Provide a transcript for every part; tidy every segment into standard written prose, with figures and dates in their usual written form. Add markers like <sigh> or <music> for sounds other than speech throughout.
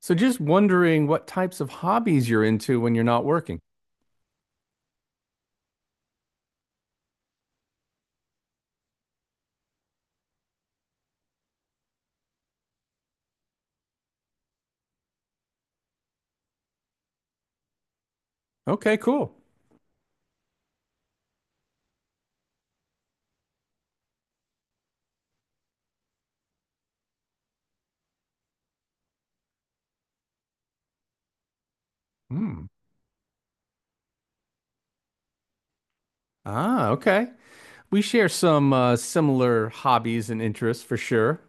So just wondering what types of hobbies you're into when you're not working. Okay, cool. Hmm. Ah, okay. We share some similar hobbies and interests for sure.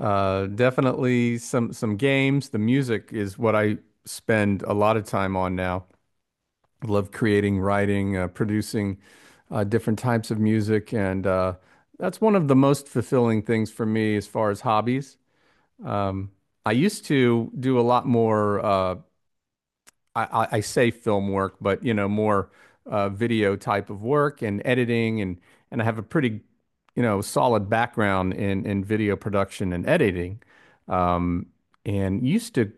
Definitely some games. The music is what I spend a lot of time on now. I love creating, writing, producing different types of music, and that's one of the most fulfilling things for me as far as hobbies. Um, I used to do a lot more. I say film work, but you know, more video type of work and editing, and I have a pretty, you know, solid background in video production and editing. Um, and used to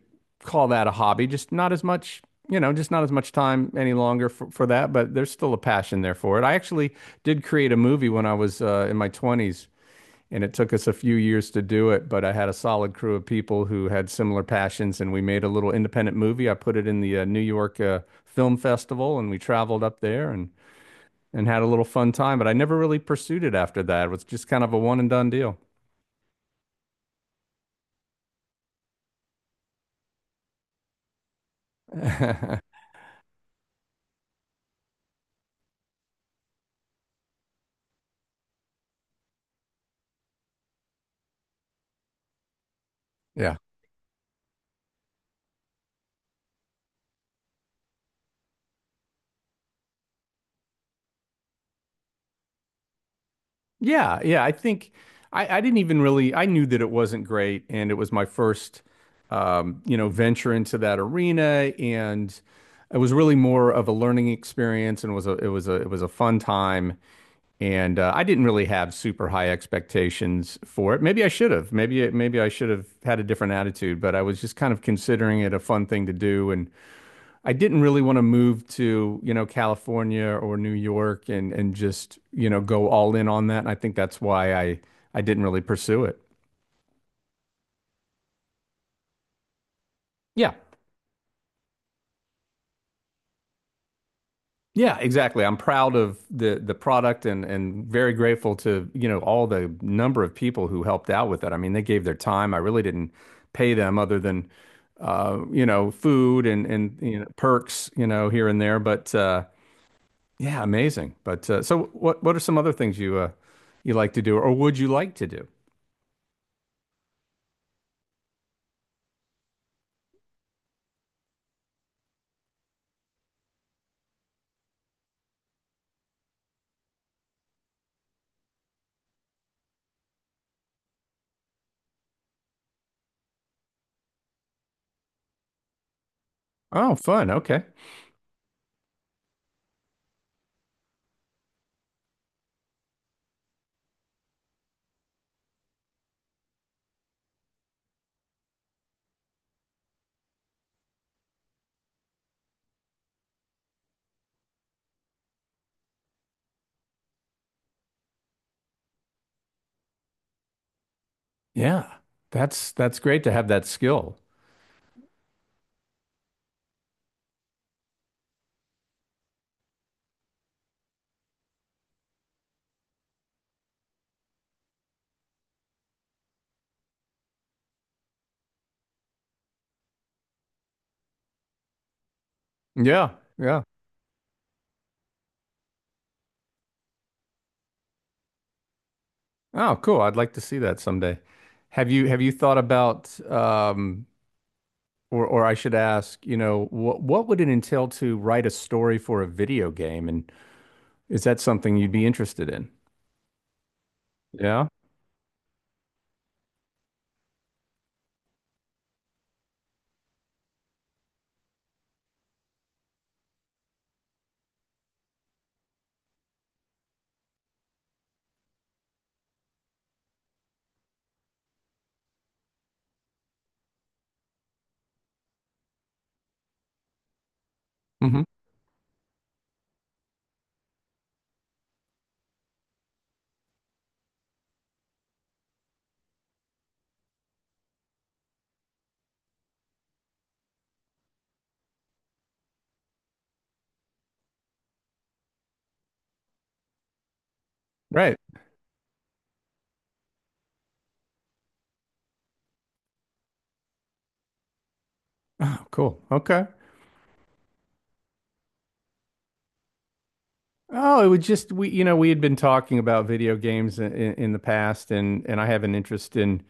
call that a hobby, just not as much, you know, just not as much time any longer for that, but there's still a passion there for it. I actually did create a movie when I was in my 20s, and it took us a few years to do it, but I had a solid crew of people who had similar passions, and we made a little independent movie. I put it in the New York Film Festival, and we traveled up there and had a little fun time. But I never really pursued it after that. It was just kind of a one and done deal. <laughs> Yeah. Yeah, yeah. I think I didn't even really, I knew that it wasn't great, and it was my first you know, venture into that arena, and it was really more of a learning experience, and was a it was a it was a fun time. And I didn't really have super high expectations for it. Maybe I should have. Maybe I should have had a different attitude, but I was just kind of considering it a fun thing to do, and I didn't really want to move to, you know, California or New York, and just, you know, go all in on that. And I think that's why I didn't really pursue it. Yeah. Yeah, exactly. I'm proud of the product, and very grateful to, you know, all the number of people who helped out with it. I mean, they gave their time. I really didn't pay them other than you know, food and you know, perks, you know, here and there, but yeah, amazing. But so what are some other things you like to do or would you like to do? Oh, fun. Okay. Yeah. That's great to have that skill. Yeah. Yeah. Oh, cool. I'd like to see that someday. Have you thought about, or I should ask, you know, what would it entail to write a story for a video game, and is that something you'd be interested in? Yeah. Hmm. Right. Oh, cool. Okay. Oh, it would just we you know, we had been talking about video games in the past, and I have an interest in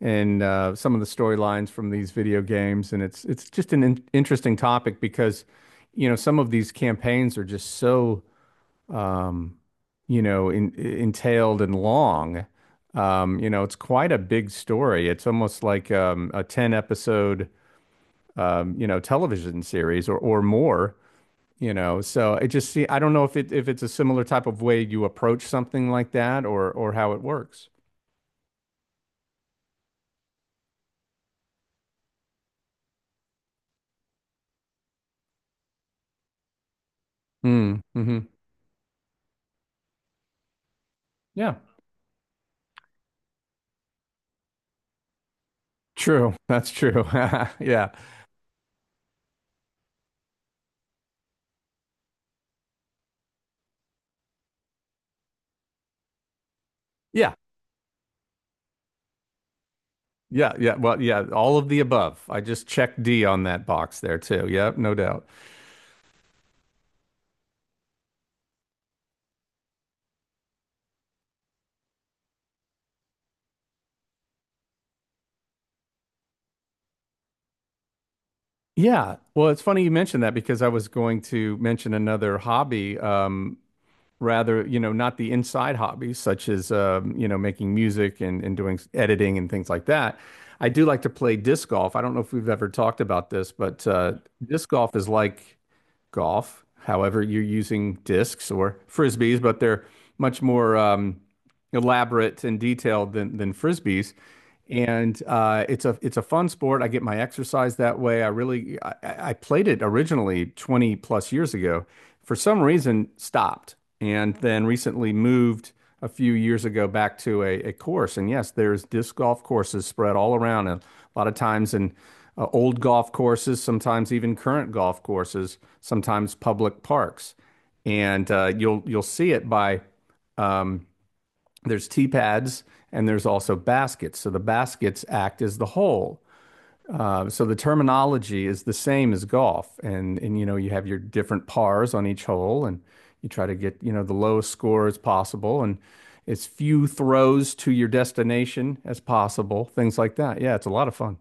in uh, some of the storylines from these video games, and it's just an in interesting topic because, you know, some of these campaigns are just so, um, you know, entailed and long. You know, it's quite a big story. It's almost like, a 10 episode, you know, television series, or more, you know. So I just see, I don't know if it if it's a similar type of way you approach something like that or how it works. Mm, hmm, mm-hmm. Yeah, true. That's true. <laughs> Yeah. Yeah. Yeah. Yeah. Well, yeah, all of the above. I just checked D on that box there too. Yep, no doubt. Yeah. Well, it's funny you mentioned that, because I was going to mention another hobby, rather, you know, not the inside hobbies such as, you know, making music, and doing editing and things like that. I do like to play disc golf. I don't know if we've ever talked about this, but disc golf is like golf. However, you're using discs or frisbees, but they're much more, elaborate and detailed than frisbees. And it's a fun sport. I get my exercise that way. I played it originally 20 plus years ago. For some reason, stopped and then recently moved a few years ago back to a course. And yes, there's disc golf courses spread all around. And a lot of times in old golf courses, sometimes even current golf courses, sometimes public parks. And you'll see it by, there's tee pads, and there's also baskets. So the baskets act as the hole. So the terminology is the same as golf, and you know, you have your different pars on each hole, and you try to get, you know, the lowest score as possible, and as few throws to your destination as possible, things like that. Yeah, it's a lot of fun.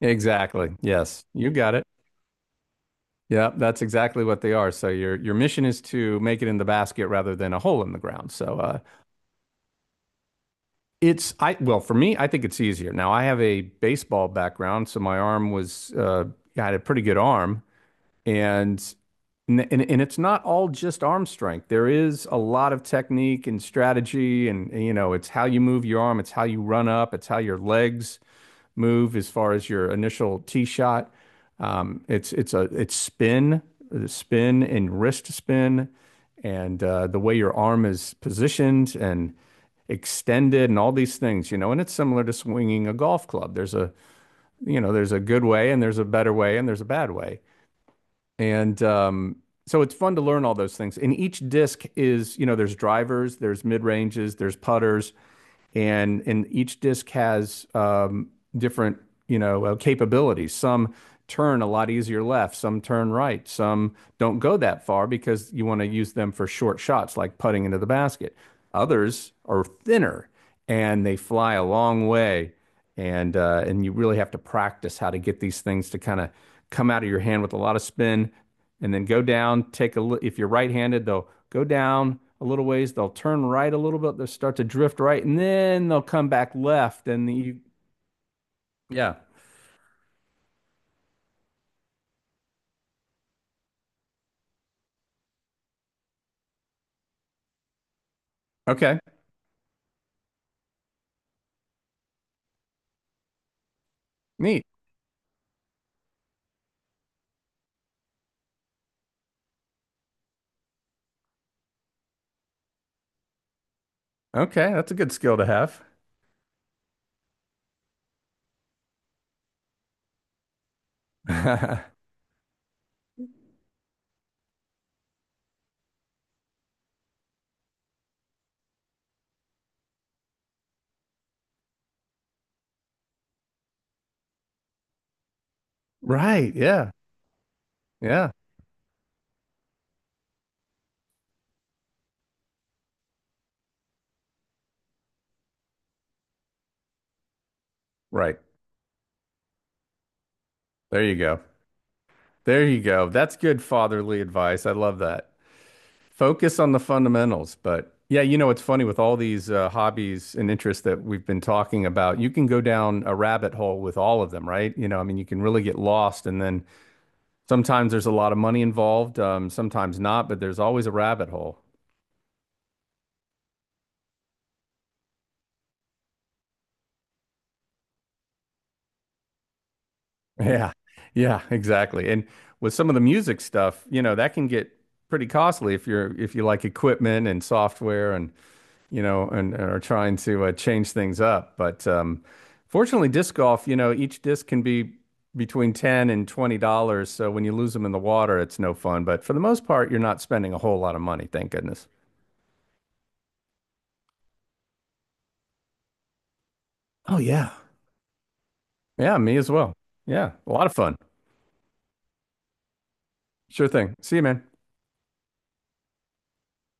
Exactly. Yes, you got it. Yeah, that's exactly what they are. So your mission is to make it in the basket rather than a hole in the ground. So It's I well, for me, I think it's easier. Now I have a baseball background, so my arm was I had a pretty good arm, and and it's not all just arm strength. There is a lot of technique and strategy, and, you know, it's how you move your arm, it's how you run up, it's how your legs move as far as your initial tee shot. It's spin, spin and wrist spin, and the way your arm is positioned and extended and all these things, you know. And it's similar to swinging a golf club. There's a good way, and there's a better way, and there's a bad way. And so it's fun to learn all those things. And each disc is, you know, there's drivers, there's mid ranges, there's putters, and each disk has, different, you know, capabilities. Some turn a lot easier left, some turn right, some don't go that far because you want to use them for short shots like putting into the basket. Others are thinner and they fly a long way, and you really have to practice how to get these things to kind of come out of your hand with a lot of spin, and then go down, take a if you're right-handed, they'll go down a little ways, they'll turn right a little bit, they'll start to drift right, and then they'll come back left. And you, yeah. Okay. Neat. Okay. That's a good skill to have. <laughs> Right. Yeah. Yeah. Right. There you go. There you go. That's good fatherly advice. I love that. Focus on the fundamentals. But yeah, you know, it's funny, with all these hobbies and interests that we've been talking about, you can go down a rabbit hole with all of them, right? You know, I mean, you can really get lost. And then sometimes there's a lot of money involved, sometimes not, but there's always a rabbit hole. <laughs> Yeah. Yeah, exactly. And with some of the music stuff, you know, that can get pretty costly if you're, if you like equipment and software, and, you know, and are trying to change things up. But fortunately, disc golf, you know, each disc can be between 10 and $20. So when you lose them in the water, it's no fun. But for the most part, you're not spending a whole lot of money, thank goodness. Oh, yeah. Yeah, me as well. Yeah, a lot of fun. Sure thing. See you, man.